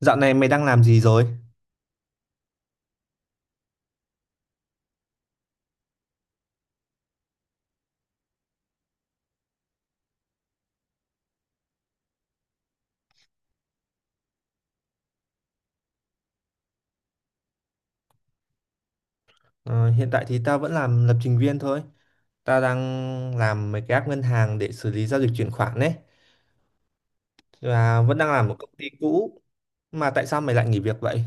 Dạo này mày đang làm gì rồi? Ờ, hiện tại thì tao vẫn làm lập trình viên thôi. Tao đang làm mấy cái app ngân hàng để xử lý giao dịch chuyển khoản đấy. Và vẫn đang làm một công ty cũ. Mà tại sao mày lại nghỉ việc vậy?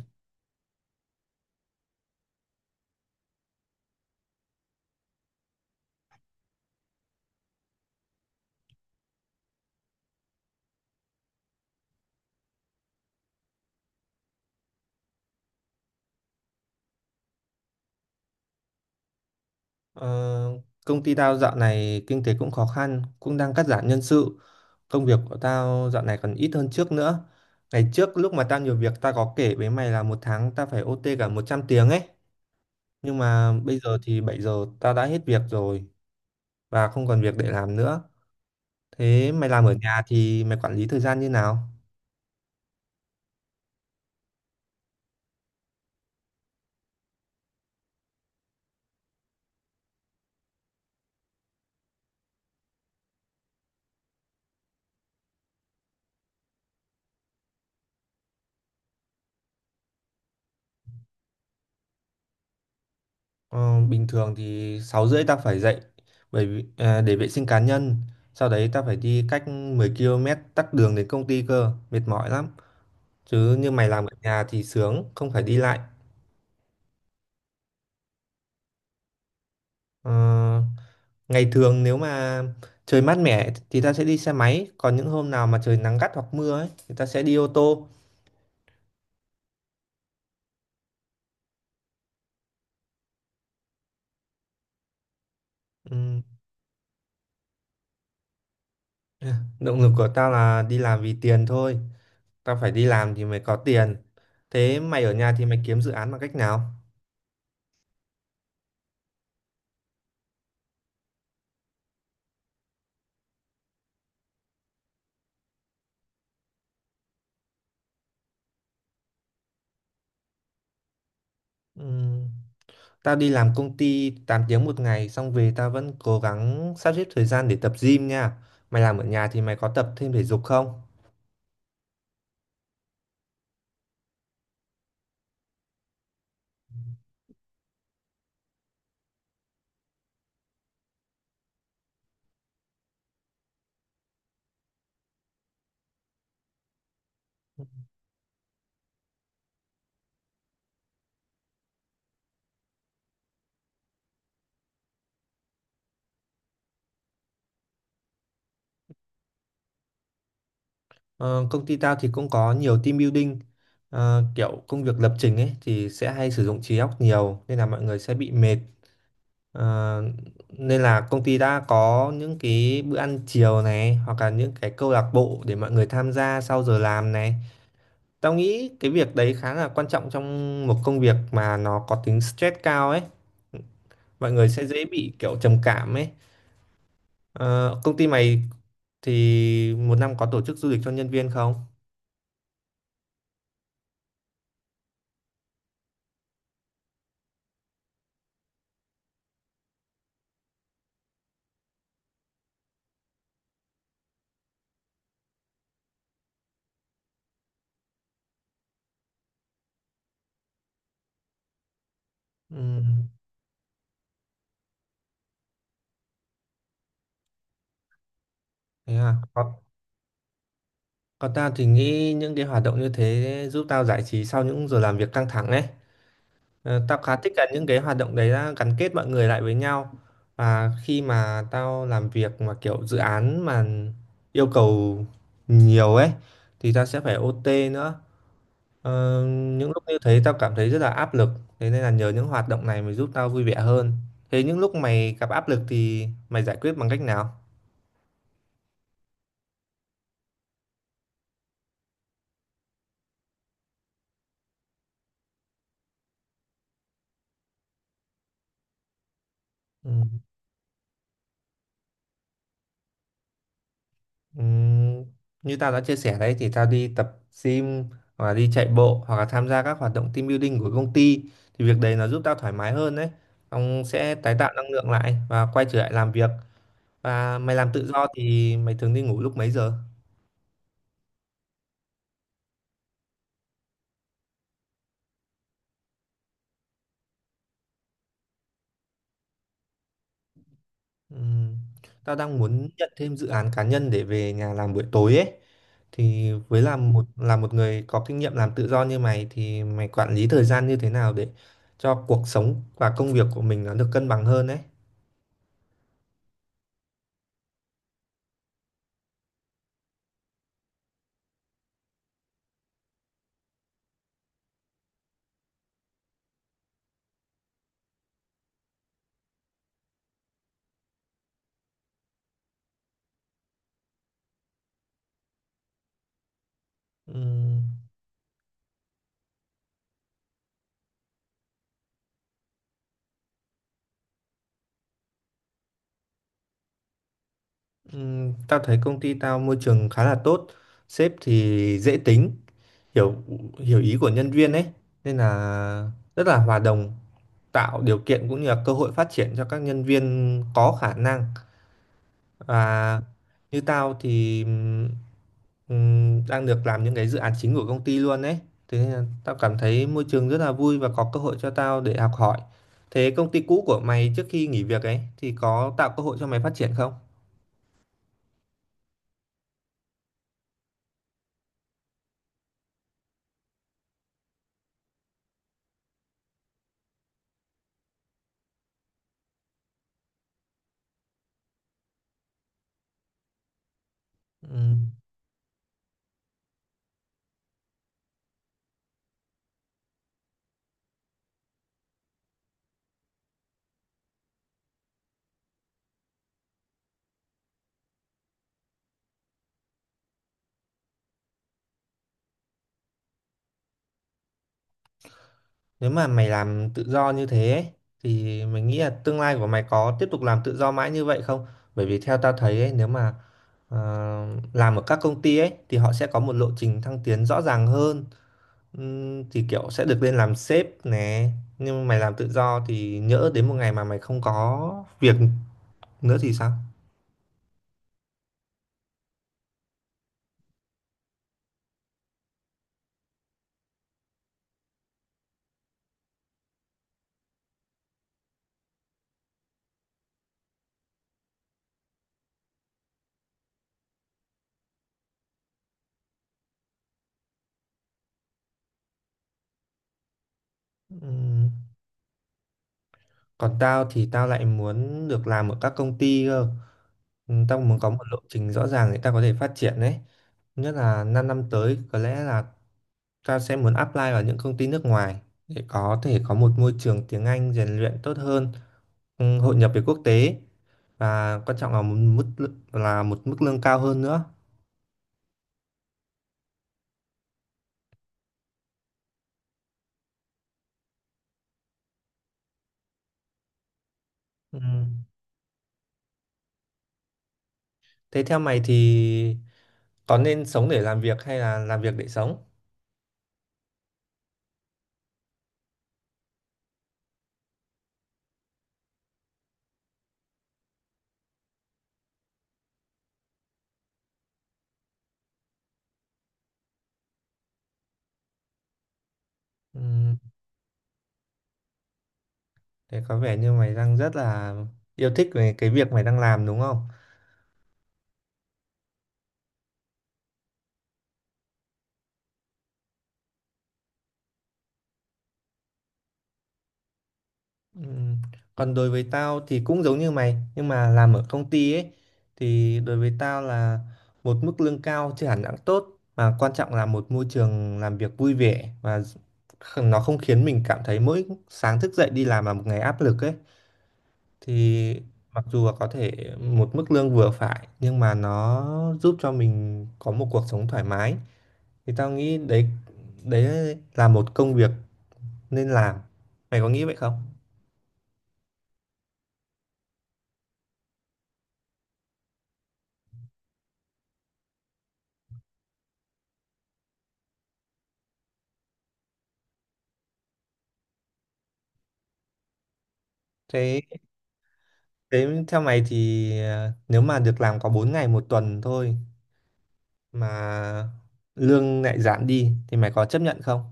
Ờ, công ty tao dạo này kinh tế cũng khó khăn, cũng đang cắt giảm nhân sự. Công việc của tao dạo này còn ít hơn trước nữa. Ngày trước lúc mà tao nhiều việc tao có kể với mày là một tháng tao phải OT cả 100 tiếng ấy. Nhưng mà bây giờ thì 7 giờ tao đã hết việc rồi và không còn việc để làm nữa. Thế mày làm ở nhà thì mày quản lý thời gian như nào? Ờ, bình thường thì 6h30 tao phải dậy bởi vì, để vệ sinh cá nhân. Sau đấy tao phải đi cách 10 km tắc đường đến công ty cơ, mệt mỏi lắm. Chứ như mày làm ở nhà thì sướng, không phải đi lại. Ờ, ngày thường nếu mà trời mát mẻ thì ta sẽ đi xe máy, còn những hôm nào mà trời nắng gắt hoặc mưa ấy thì ta sẽ đi ô tô. Ừm, Động lực của tao là đi làm vì tiền thôi. Tao phải đi làm thì mới có tiền. Thế mày ở nhà thì mày kiếm dự án bằng cách nào? Ừm, tao đi làm công ty 8 tiếng một ngày xong về tao vẫn cố gắng sắp xếp thời gian để tập gym nha. Mày làm ở nhà thì mày có tập thêm thể dục không? Ờ, công ty tao thì cũng có nhiều team building. Kiểu công việc lập trình ấy thì sẽ hay sử dụng trí óc nhiều nên là mọi người sẽ bị mệt. Ờ, nên là công ty đã có những cái bữa ăn chiều này hoặc là những cái câu lạc bộ để mọi người tham gia sau giờ làm này. Tao nghĩ cái việc đấy khá là quan trọng trong một công việc mà nó có tính stress cao ấy. Mọi người sẽ dễ bị kiểu trầm cảm ấy. Ờ, công ty mày thì một năm có tổ chức du lịch cho nhân viên không? Ừ, thế à. Còn tao thì nghĩ những cái hoạt động như thế giúp tao giải trí sau những giờ làm việc căng thẳng ấy. Tao khá thích cả những cái hoạt động đấy là gắn kết mọi người lại với nhau và khi mà tao làm việc mà kiểu dự án mà yêu cầu nhiều ấy thì tao sẽ phải OT nữa. Ờ, những lúc như thế tao cảm thấy rất là áp lực. Thế nên là nhờ những hoạt động này mới giúp tao vui vẻ hơn. Thế những lúc mày gặp áp lực thì mày giải quyết bằng cách nào? Ừ. Ừm, như tao đã chia sẻ đấy thì tao đi tập gym hoặc là đi chạy bộ hoặc là tham gia các hoạt động team building của công ty thì việc đấy nó giúp tao thoải mái hơn đấy. Ông sẽ tái tạo năng lượng lại và quay trở lại làm việc. Và mày làm tự do thì mày thường đi ngủ lúc mấy giờ? Ừm, tao đang muốn nhận thêm dự án cá nhân để về nhà làm buổi tối ấy. Thì với làm một là một người có kinh nghiệm làm tự do như mày thì mày quản lý thời gian như thế nào để cho cuộc sống và công việc của mình nó được cân bằng hơn đấy? Ừm. Tao thấy công ty tao môi trường khá là tốt, sếp thì dễ tính, hiểu hiểu ý của nhân viên ấy, nên là rất là hòa đồng, tạo điều kiện cũng như là cơ hội phát triển cho các nhân viên có khả năng. Và như tao thì đang được làm những cái dự án chính của công ty luôn ấy, thế nên là tao cảm thấy môi trường rất là vui và có cơ hội cho tao để học hỏi. Thế công ty cũ của mày trước khi nghỉ việc ấy thì có tạo cơ hội cho mày phát triển không? Ừ. Nếu mà mày làm tự do như thế ấy, thì mình nghĩ là tương lai của mày có tiếp tục làm tự do mãi như vậy không? Bởi vì theo tao thấy ấy, nếu mà ờ, làm ở các công ty ấy thì họ sẽ có một lộ trình thăng tiến rõ ràng hơn. Thì kiểu sẽ được lên làm sếp nè. Nhưng mà mày làm tự do thì nhỡ đến một ngày mà mày không có việc nữa thì sao? Ừm, Còn tao thì tao lại muốn được làm ở các công ty cơ. Ừ, tao muốn có một lộ trình rõ ràng để tao có thể phát triển đấy. Nhất là 5 năm tới có lẽ là tao sẽ muốn apply vào những công ty nước ngoài để có thể có một môi trường tiếng Anh rèn luyện tốt hơn, hội nhập với quốc tế và quan trọng là là một mức lương cao hơn nữa. Ừ. Thế theo mày thì có nên sống để làm việc hay là làm việc để sống? Ừ. Thế có vẻ như mày đang rất là yêu thích về cái việc mày đang làm đúng không? Ừm, Còn đối với tao thì cũng giống như mày, nhưng mà làm ở công ty ấy thì đối với tao là một mức lương cao chưa hẳn đã tốt mà quan trọng là một môi trường làm việc vui vẻ và nó không khiến mình cảm thấy mỗi sáng thức dậy đi làm là một ngày áp lực ấy thì mặc dù là có thể một mức lương vừa phải nhưng mà nó giúp cho mình có một cuộc sống thoải mái thì tao nghĩ đấy. Đấy là một công việc nên làm. Mày có nghĩ vậy không? Thế thế theo mày thì nếu mà được làm có 4 ngày một tuần thôi mà lương lại giảm đi thì mày có chấp nhận không?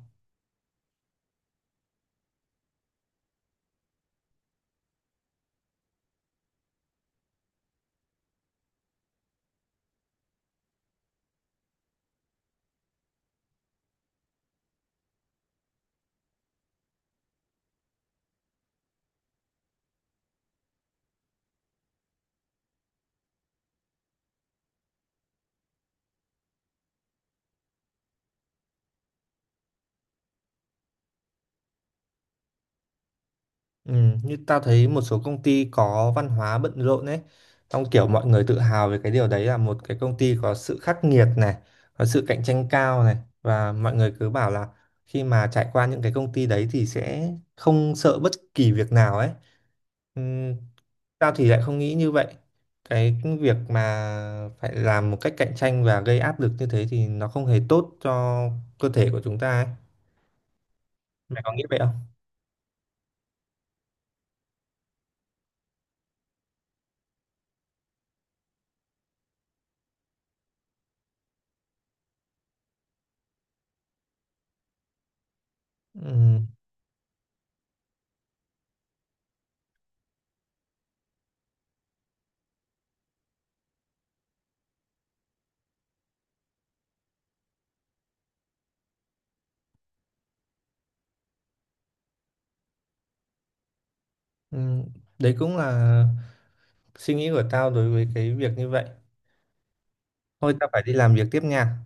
Ừ, như tao thấy một số công ty có văn hóa bận rộn ấy, xong kiểu mọi người tự hào về cái điều đấy là một cái công ty có sự khắc nghiệt này, có sự cạnh tranh cao này và mọi người cứ bảo là khi mà trải qua những cái công ty đấy thì sẽ không sợ bất kỳ việc nào ấy. Ừ, tao thì lại không nghĩ như vậy. Cái việc mà phải làm một cách cạnh tranh và gây áp lực như thế thì nó không hề tốt cho cơ thể của chúng ta ấy. Mày có nghĩ vậy không? Ừ, ừ, đấy cũng là suy nghĩ của tao đối với cái việc như vậy. Thôi tao phải đi làm việc tiếp nha.